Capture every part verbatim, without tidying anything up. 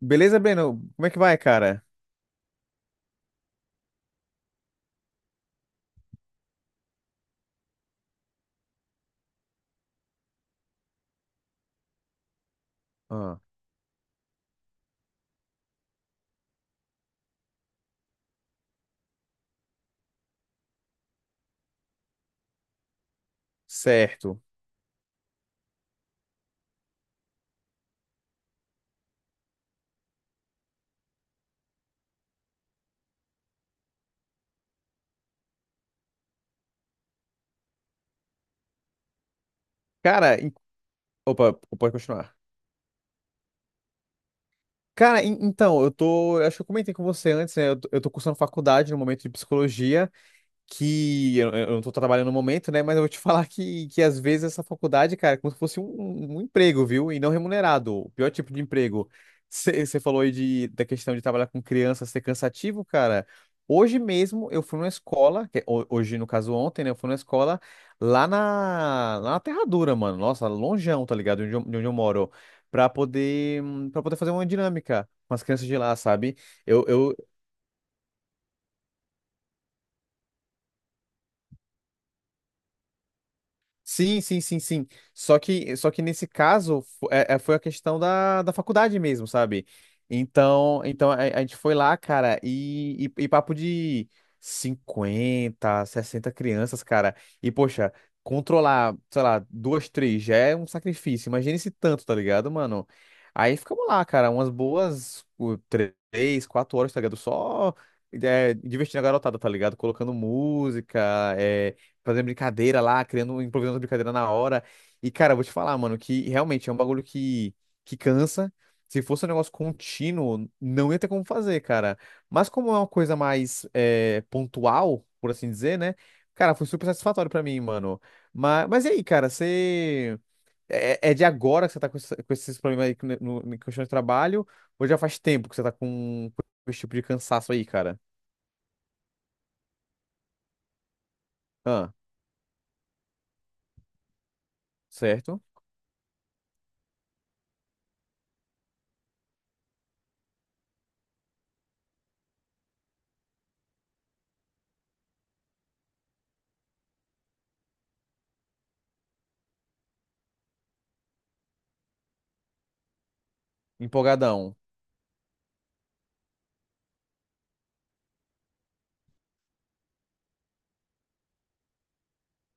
Beleza, Breno? Como é que vai, cara? Ah, certo. Cara, em- opa, pode continuar. Cara, en- então, eu tô. Acho que eu comentei com você antes, né? Eu tô, eu tô cursando faculdade no momento de psicologia. Que eu, eu não tô trabalhando no momento, né? Mas eu vou te falar que, que às vezes essa faculdade, cara, é como se fosse um, um um emprego, viu? E não remunerado, o pior tipo de emprego. Você falou aí de, da questão de trabalhar com criança ser cansativo, cara. Hoje mesmo eu fui numa escola, que é ho- hoje no caso ontem, né? Eu fui numa escola lá na, lá na Terra Dura, mano. Nossa, longeão, tá ligado? De onde eu, de onde eu moro. Pra poder, para poder fazer uma dinâmica com as crianças de lá, sabe? Eu, eu, Sim, sim, sim, sim. Só que, só que nesse caso fo- é- é- foi a questão da, da faculdade mesmo, sabe? Então, então a, a gente foi lá, cara, e, e, e papo de cinquenta sessenta crianças, cara. E, poxa, controlar, sei lá, duas, três já é um sacrifício. Imagina esse tanto, tá ligado, mano? Aí ficamos lá, cara, umas boas o, três, quatro horas, tá ligado? Só é, divertindo a garotada, tá ligado? Colocando música, é, fazendo brincadeira lá, criando, improvisando brincadeira na hora. E, cara, eu vou te falar, mano, que realmente é um bagulho que, que cansa. Se fosse um negócio contínuo, não ia ter como fazer, cara. Mas como é uma coisa mais é, pontual, por assim dizer, né? Cara, foi super satisfatório pra mim, mano. Mas, mas e aí, cara, você. É, é é de agora que você tá com, essa- com esses problemas aí no, no, em questão de trabalho? Ou já faz tempo que você tá com, com esse tipo de cansaço aí, cara? Ah, certo? Empolgadão.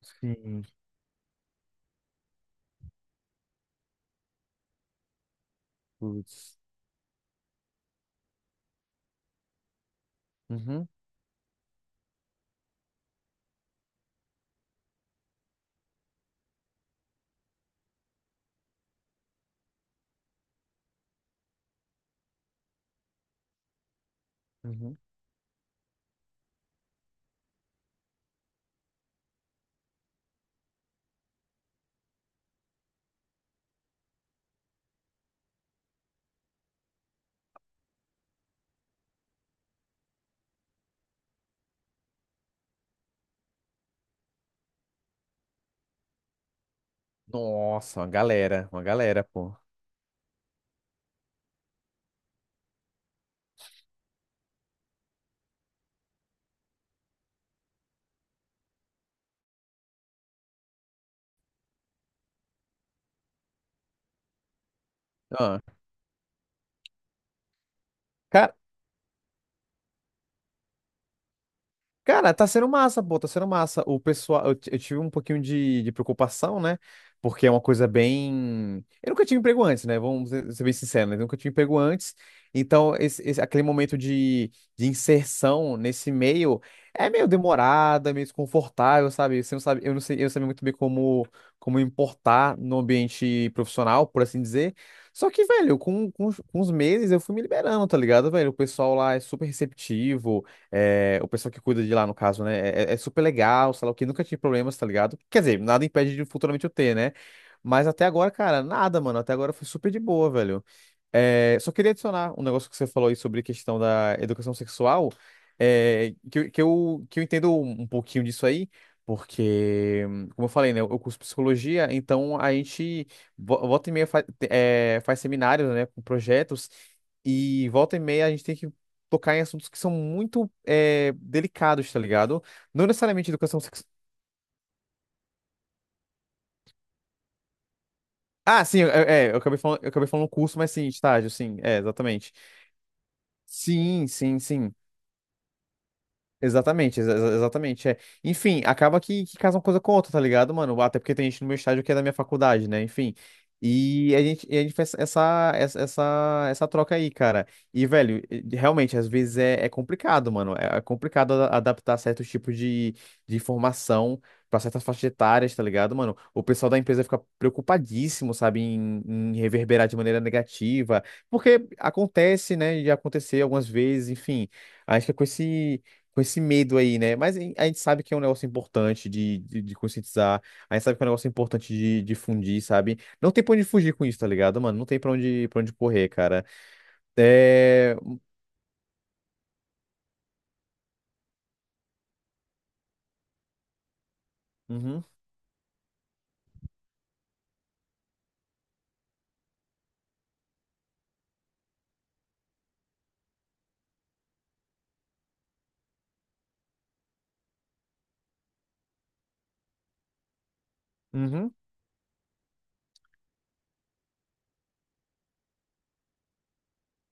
Sim, putz. Uhum, uhum. Nossa, uma galera, uma galera, pô. Ah, cara. Cara, tá sendo massa, pô, tá sendo massa. O pessoal, eu, ti- eu tive um pouquinho de, de preocupação, né? Porque é uma coisa bem. Eu nunca tive emprego antes, né? Vamos ser ser bem sinceros, né? Eu nunca tive emprego antes. Então, esse, esse- aquele momento de, de inserção nesse meio é meio demorado, é meio desconfortável, sabe? Você não sabe, eu não sei, eu não sabia muito bem como, como importar no ambiente profissional, por assim dizer. Só que, velho, com, com, os- com os meses eu fui me liberando, tá ligado, velho? O pessoal lá é super receptivo. É, o pessoal que cuida de lá, no caso, né? É, é é super legal, sei lá o que, nunca tive problemas, tá ligado? Quer dizer, nada impede de futuramente eu ter, né? Mas até agora, cara, nada, mano. Até agora foi super de boa, velho. É, só queria adicionar um negócio que você falou aí sobre questão da educação sexual, é, que, eu, que eu que eu entendo um um pouquinho disso aí, porque, como eu falei, né, eu curso psicologia, então a gente vo- volta e meia fa- é, faz seminários, né, com projetos, e volta e meia a gente tem que tocar em assuntos que são muito é, delicados, tá ligado? Não necessariamente educação sexual. Ah, sim, é, é, eu acabei falando, eu acabei falando curso, mas sim, estágio, sim, é, exatamente. Sim, sim, sim. Exatamente, exa- exa- exatamente, é. Enfim, acaba que, que casa uma coisa com outra, tá ligado, mano? Até porque tem gente no meu estádio que é da minha faculdade, né? Enfim. E a gente, e a gente faz essa, essa, essa, essa troca aí, cara. E, velho, e- realmente, às vezes é, é complicado, mano. É é complicado a- adaptar certos tipos de, de informação pra certas faixas etárias, tá ligado, mano? O pessoal da empresa fica preocupadíssimo, sabe, em, em reverberar de maneira negativa. Porque acontece, né? Já aconteceu algumas vezes, enfim. Acho que é com esse com esse medo aí, né? Mas a gente sabe que é um negócio importante de, de, de conscientizar, a gente sabe que é um negócio importante de difundir, sabe? Não tem pra onde fugir com isso, tá ligado, mano? Não tem pra onde, pra onde correr, cara. É. Uhum, uhum,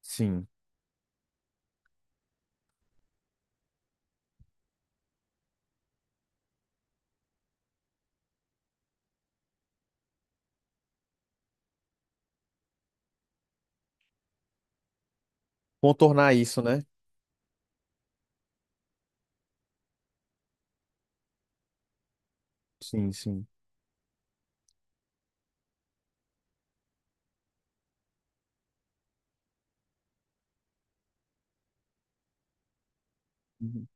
sim. Contornar isso, né? Sim, sim. Uhum.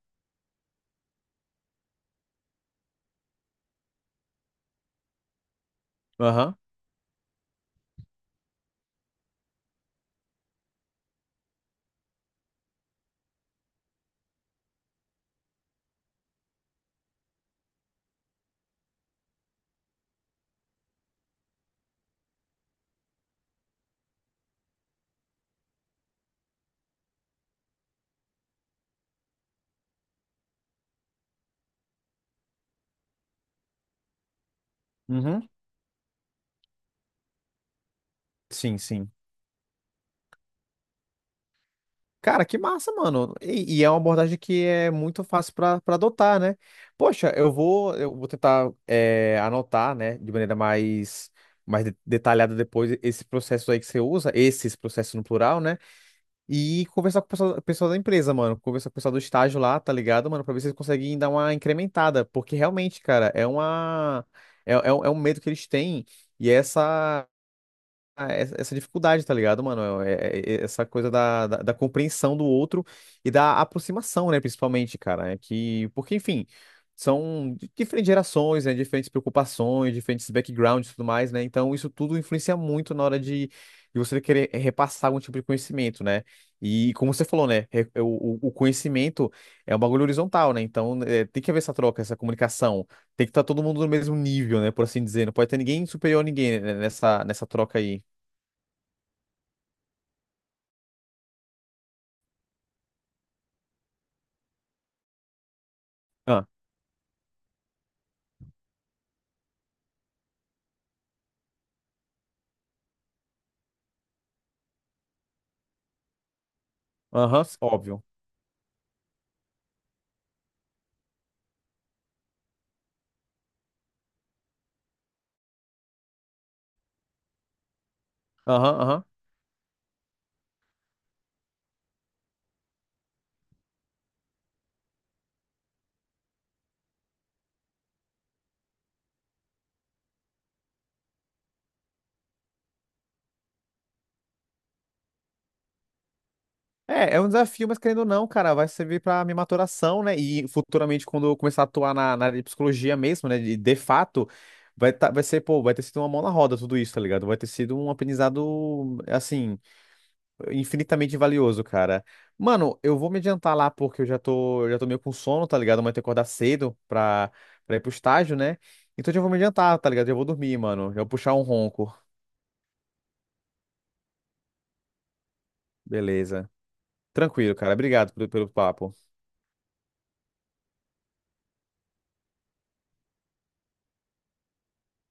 Aham. Uhum. Sim, sim. Cara, que massa, mano. E, e é uma abordagem que é muito fácil para adotar, né? Poxa, eu vou, eu vou tentar é, anotar, né, de maneira mais, mais de- detalhada depois esse processo aí que você usa, esses processos no plural, né? E conversar com o pessoal, pessoal da empresa, mano. Conversar com o pessoal do estágio lá, tá ligado, mano? Pra ver se eles conseguem dar uma incrementada. Porque realmente, cara, é uma. É, é, um- é um medo que eles têm. E essa. Ah, essa essa dificuldade, tá ligado, mano? É- é- é Essa coisa da, da, da compreensão do outro e da aproximação, né, principalmente, cara. É que, porque, enfim, são di- diferentes gerações, né, diferentes preocupações, diferentes backgrounds e tudo mais, né? Então, isso tudo influencia muito na hora de, de você querer repassar algum tipo de conhecimento, né? E, como você falou, né, re- é, o, o o conhecimento é um bagulho horizontal, né? Então, é, tem que haver essa troca, essa comunicação. Tem que estar todo mundo no mesmo nível, né? Por assim dizer. Não pode ter ninguém superior a ninguém né, nessa, nessa troca aí. Ah, aham, óbvio. Aham, aham. É, é um desafio, mas querendo ou não, cara, vai servir pra minha maturação, né? E futuramente, quando eu começar a atuar na, na área de psicologia mesmo, né? De, de fato, vai, tá, vai ser, pô, vai ter sido uma mão na roda tudo isso, tá ligado? Vai ter sido um aprendizado, assim, infinitamente valioso, cara. Mano, eu vou me adiantar lá porque eu já tô, eu já tô meio com sono, tá ligado? Amanhã eu que acordar cedo pra, pra ir pro estágio, né? Então eu já vou me adiantar, tá ligado? Já vou dormir, mano. Já vou puxar um ronco. Beleza. Tranquilo, cara. Obrigado pelo, pelo papo.